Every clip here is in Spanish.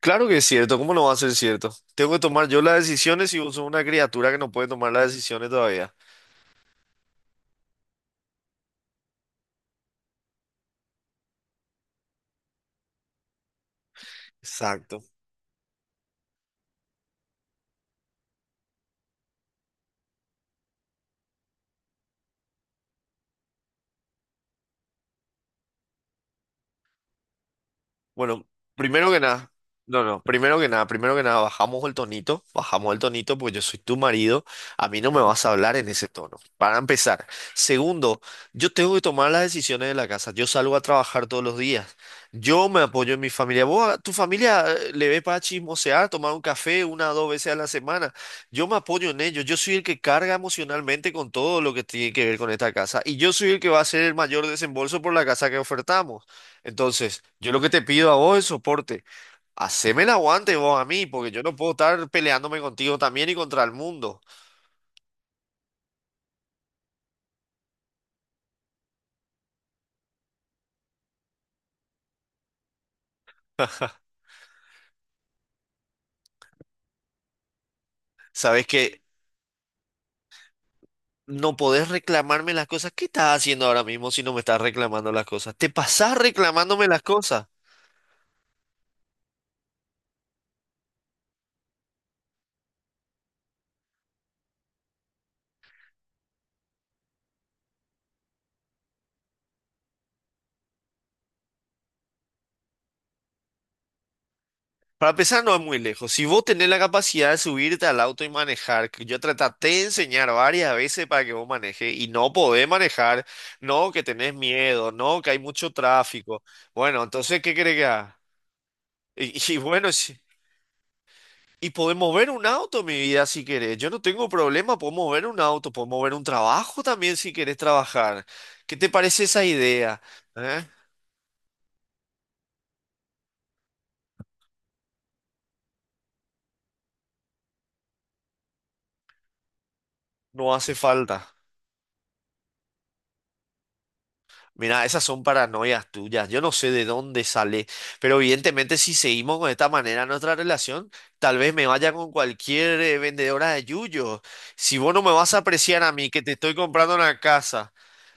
Claro que es cierto, ¿cómo no va a ser cierto? Tengo que tomar yo las decisiones y vos sos una criatura que no puede tomar las decisiones todavía. Exacto. Bueno, primero que nada, no, no, primero que nada, bajamos el tonito, pues yo soy tu marido, a mí no me vas a hablar en ese tono, para empezar. Segundo, yo tengo que tomar las decisiones de la casa, yo salgo a trabajar todos los días, yo me apoyo en mi familia, vos, a tu familia le ve para chismosear, tomar un café una o dos veces a la semana, yo me apoyo en ellos, yo soy el que carga emocionalmente con todo lo que tiene que ver con esta casa y yo soy el que va a hacer el mayor desembolso por la casa que ofertamos. Entonces, yo lo que te pido a vos es soporte. Haceme el aguante vos a mí, porque yo no puedo estar peleándome contigo también y contra el mundo. Sabes que no podés reclamarme las cosas. ¿Qué estás haciendo ahora mismo si no me estás reclamando las cosas? Te pasás reclamándome las cosas. Para empezar, no es muy lejos. Si vos tenés la capacidad de subirte al auto y manejar, que yo te traté de enseñar varias veces para que vos manejes y no podés manejar, no, que tenés miedo, no, que hay mucho tráfico. Bueno, entonces, ¿qué querés que haga? Y bueno, si... Y podemos ver un auto, mi vida, si querés. Yo no tengo problema, podemos ver un auto, podemos ver un trabajo también si querés trabajar. ¿Qué te parece esa idea? ¿Eh? No hace falta. Mira, esas son paranoias tuyas. Yo no sé de dónde sale, pero evidentemente si seguimos con esta manera nuestra relación, tal vez me vaya con cualquier vendedora de yuyos. Si vos no me vas a apreciar a mí, que te estoy comprando una casa.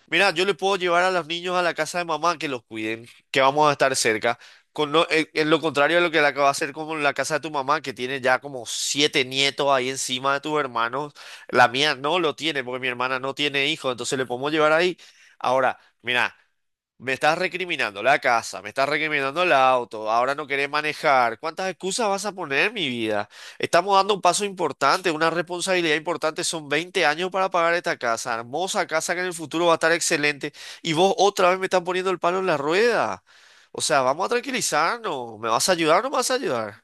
Mira, yo le puedo llevar a los niños a la casa de mamá que los cuiden, que vamos a estar cerca. En lo contrario a lo que le acaba de hacer con la casa de tu mamá, que tiene ya como siete nietos ahí encima de tus hermanos. La mía no lo tiene, porque mi hermana no tiene hijos, entonces le podemos llevar ahí. Ahora, mira. Me estás recriminando la casa, me estás recriminando el auto, ahora no querés manejar. ¿Cuántas excusas vas a poner, mi vida? Estamos dando un paso importante, una responsabilidad importante. Son 20 años para pagar esta casa, hermosa casa que en el futuro va a estar excelente. Y vos otra vez me estás poniendo el palo en la rueda. O sea, vamos a tranquilizarnos. ¿Me vas a ayudar o no me vas a ayudar?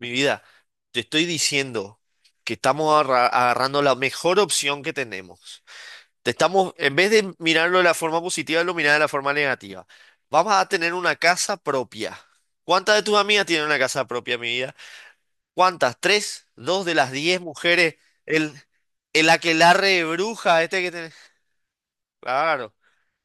Mi vida, te estoy diciendo que estamos agarrando la mejor opción que tenemos. Te estamos, en vez de mirarlo de la forma positiva, lo mirás de la forma negativa. Vamos a tener una casa propia. ¿Cuántas de tus amigas tienen una casa propia, mi vida? ¿Cuántas? ¿Tres? ¿Dos de las 10 mujeres? El, el aquelarre de bruja este que tenés. Claro.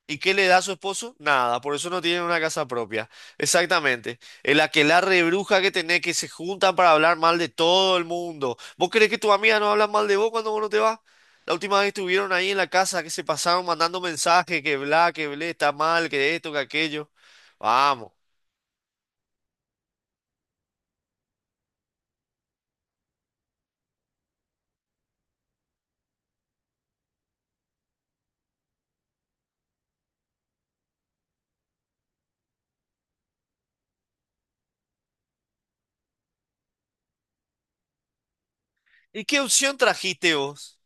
¿Y qué le da a su esposo? Nada, por eso no tienen una casa propia. Exactamente. El aquelarre de bruja que tenés que se juntan para hablar mal de todo el mundo. ¿Vos crees que tus amigas no hablan mal de vos cuando vos no te vas? La última vez estuvieron ahí en la casa que se pasaron mandando mensajes, que bla, que blé, está mal, que esto, que aquello. Vamos. ¿Y qué opción trajiste vos?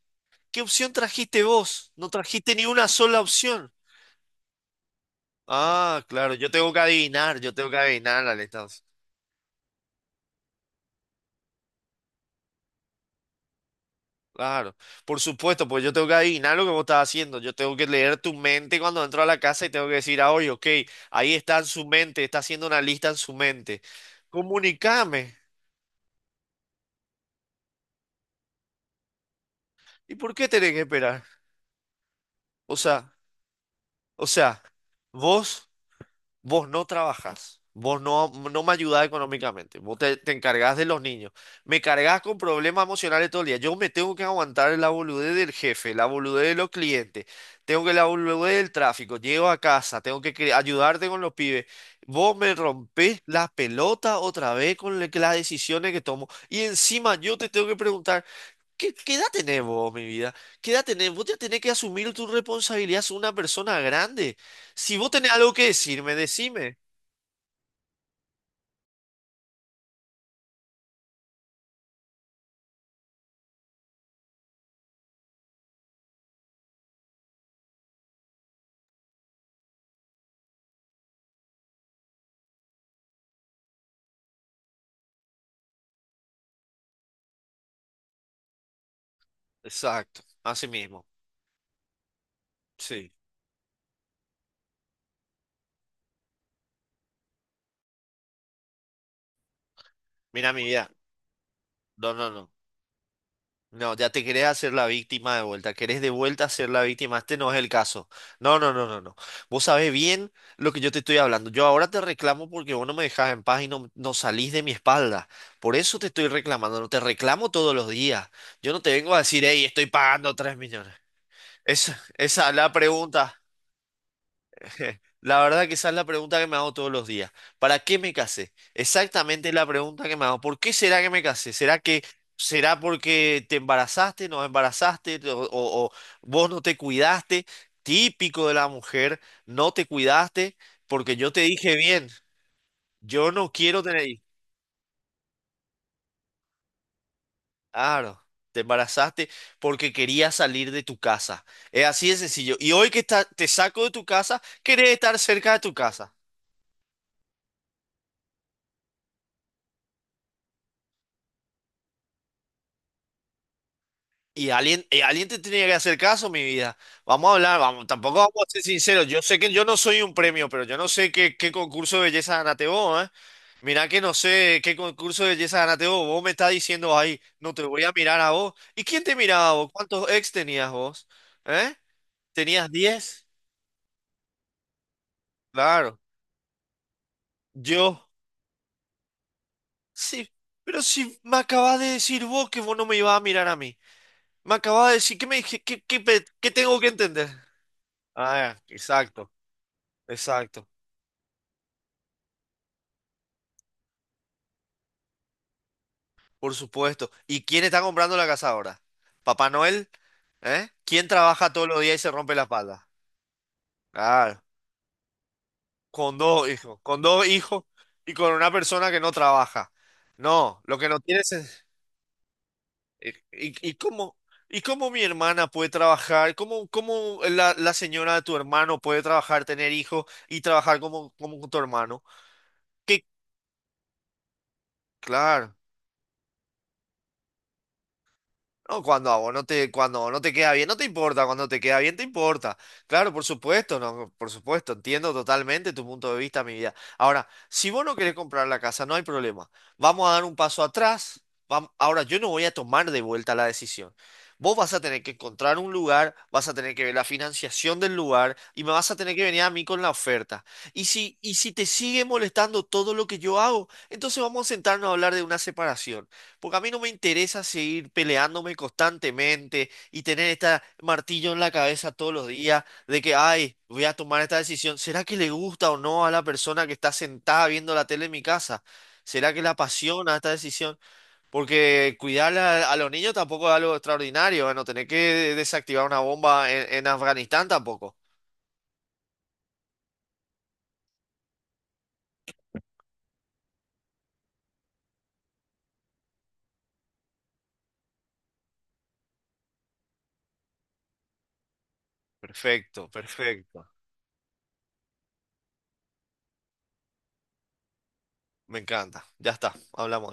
¿Qué opción trajiste vos? No trajiste ni una sola opción. Ah, claro, yo tengo que adivinar, yo tengo que adivinar, Alex. Claro, por supuesto, pues yo tengo que adivinar lo que vos estás haciendo, yo tengo que leer tu mente cuando entro a la casa y tengo que decir, ah, oye, ok, ahí está en su mente, está haciendo una lista en su mente, comunícame, ¿y por qué tenés que esperar? O sea, o sea, vos... vos no trabajás, vos no, me ayudás económicamente, vos te encargás de los niños, me cargás con problemas emocionales todo el día, yo me tengo que aguantar la boludez del jefe, la boludez de los clientes, tengo que la boludez del tráfico, llego a casa, tengo que ayudarte con los pibes, vos me rompés las pelotas otra vez con las decisiones que tomo y encima yo te tengo que preguntar. ¿Qué edad tenés vos, mi vida? ¿Qué edad tenés? Vos ya tenés que asumir tu responsabilidad, sos una persona grande. Si vos tenés algo que decirme, decime. Exacto, así mismo. Sí. Mira, mi vida. No, no, no. No, ya te querés hacer la víctima de vuelta. Querés de vuelta ser la víctima. Este no es el caso. No, no, no, no, no. Vos sabés bien lo que yo te estoy hablando. Yo ahora te reclamo porque vos no me dejás en paz y no salís de mi espalda. Por eso te estoy reclamando. No te reclamo todos los días. Yo no te vengo a decir, hey, estoy pagando 3 millones. Es, esa es la pregunta. La verdad que esa es la pregunta que me hago todos los días. ¿Para qué me casé? Exactamente la pregunta que me hago. ¿Por qué será que me casé? Será porque te embarazaste, no embarazaste o vos no te cuidaste? Típico de la mujer, no te cuidaste porque yo te dije bien, yo no quiero tener hijos. Claro, te embarazaste porque querías salir de tu casa. Es así de sencillo. Y hoy que está- te saco de tu casa, querés estar cerca de tu casa. Y alguien te tenía que hacer caso, mi vida. Vamos a hablar, vamos, tampoco vamos a ser sinceros. Yo sé que yo no soy un premio, pero yo no sé qué, qué concurso de belleza ganaste vos, ¿eh? Mirá que no sé qué concurso de belleza ganaste vos. Vos me estás diciendo ahí, no te voy a mirar a vos. ¿Y quién te miraba a vos? ¿Cuántos ex tenías vos? ¿Eh? ¿Tenías 10? Claro. Yo. Sí, pero si me acabas de decir vos que vos no me ibas a mirar a mí. Me acabas de decir, que me dije? ¿Qué tengo que entender? Ah, exacto, exacto. Por supuesto. ¿Y quién está comprando la casa ahora? ¿Papá Noel? ¿Eh? ¿Quién trabaja todos los días y se rompe la espalda? Claro, con dos hijos y con una persona que no trabaja. No, lo que no tienes es... ¿Y, y- y cómo, y cómo mi hermana puede trabajar? ¿Cómo la señora de tu hermano puede trabajar, tener hijos y trabajar como tu hermano? ¿Qué? Claro. No, cuando a vos no te, cuando no te queda bien, no te importa, cuando te queda bien, te importa. Claro, por supuesto, no, por supuesto, entiendo totalmente tu punto de vista, mi vida. Ahora, si vos no querés comprar la casa, no hay problema. Vamos a dar un paso atrás. Ahora, yo no voy a tomar de vuelta la decisión. Vos vas a tener que encontrar un lugar, vas a tener que ver la financiación del lugar y me vas a tener que venir a mí con la oferta. Y si te sigue molestando todo lo que yo hago, entonces vamos a sentarnos a hablar de una separación. Porque a mí no me interesa seguir peleándome constantemente y tener este martillo en la cabeza todos los días de que, ay, voy a tomar esta decisión. ¿Será que le gusta o no a la persona que está sentada viendo la tele en mi casa? ¿Será que le apasiona esta decisión? Porque cuidar a los niños tampoco es algo extraordinario. Bueno, tener que desactivar una bomba en Afganistán tampoco. Perfecto, perfecto. Me encanta. Ya está, hablamos.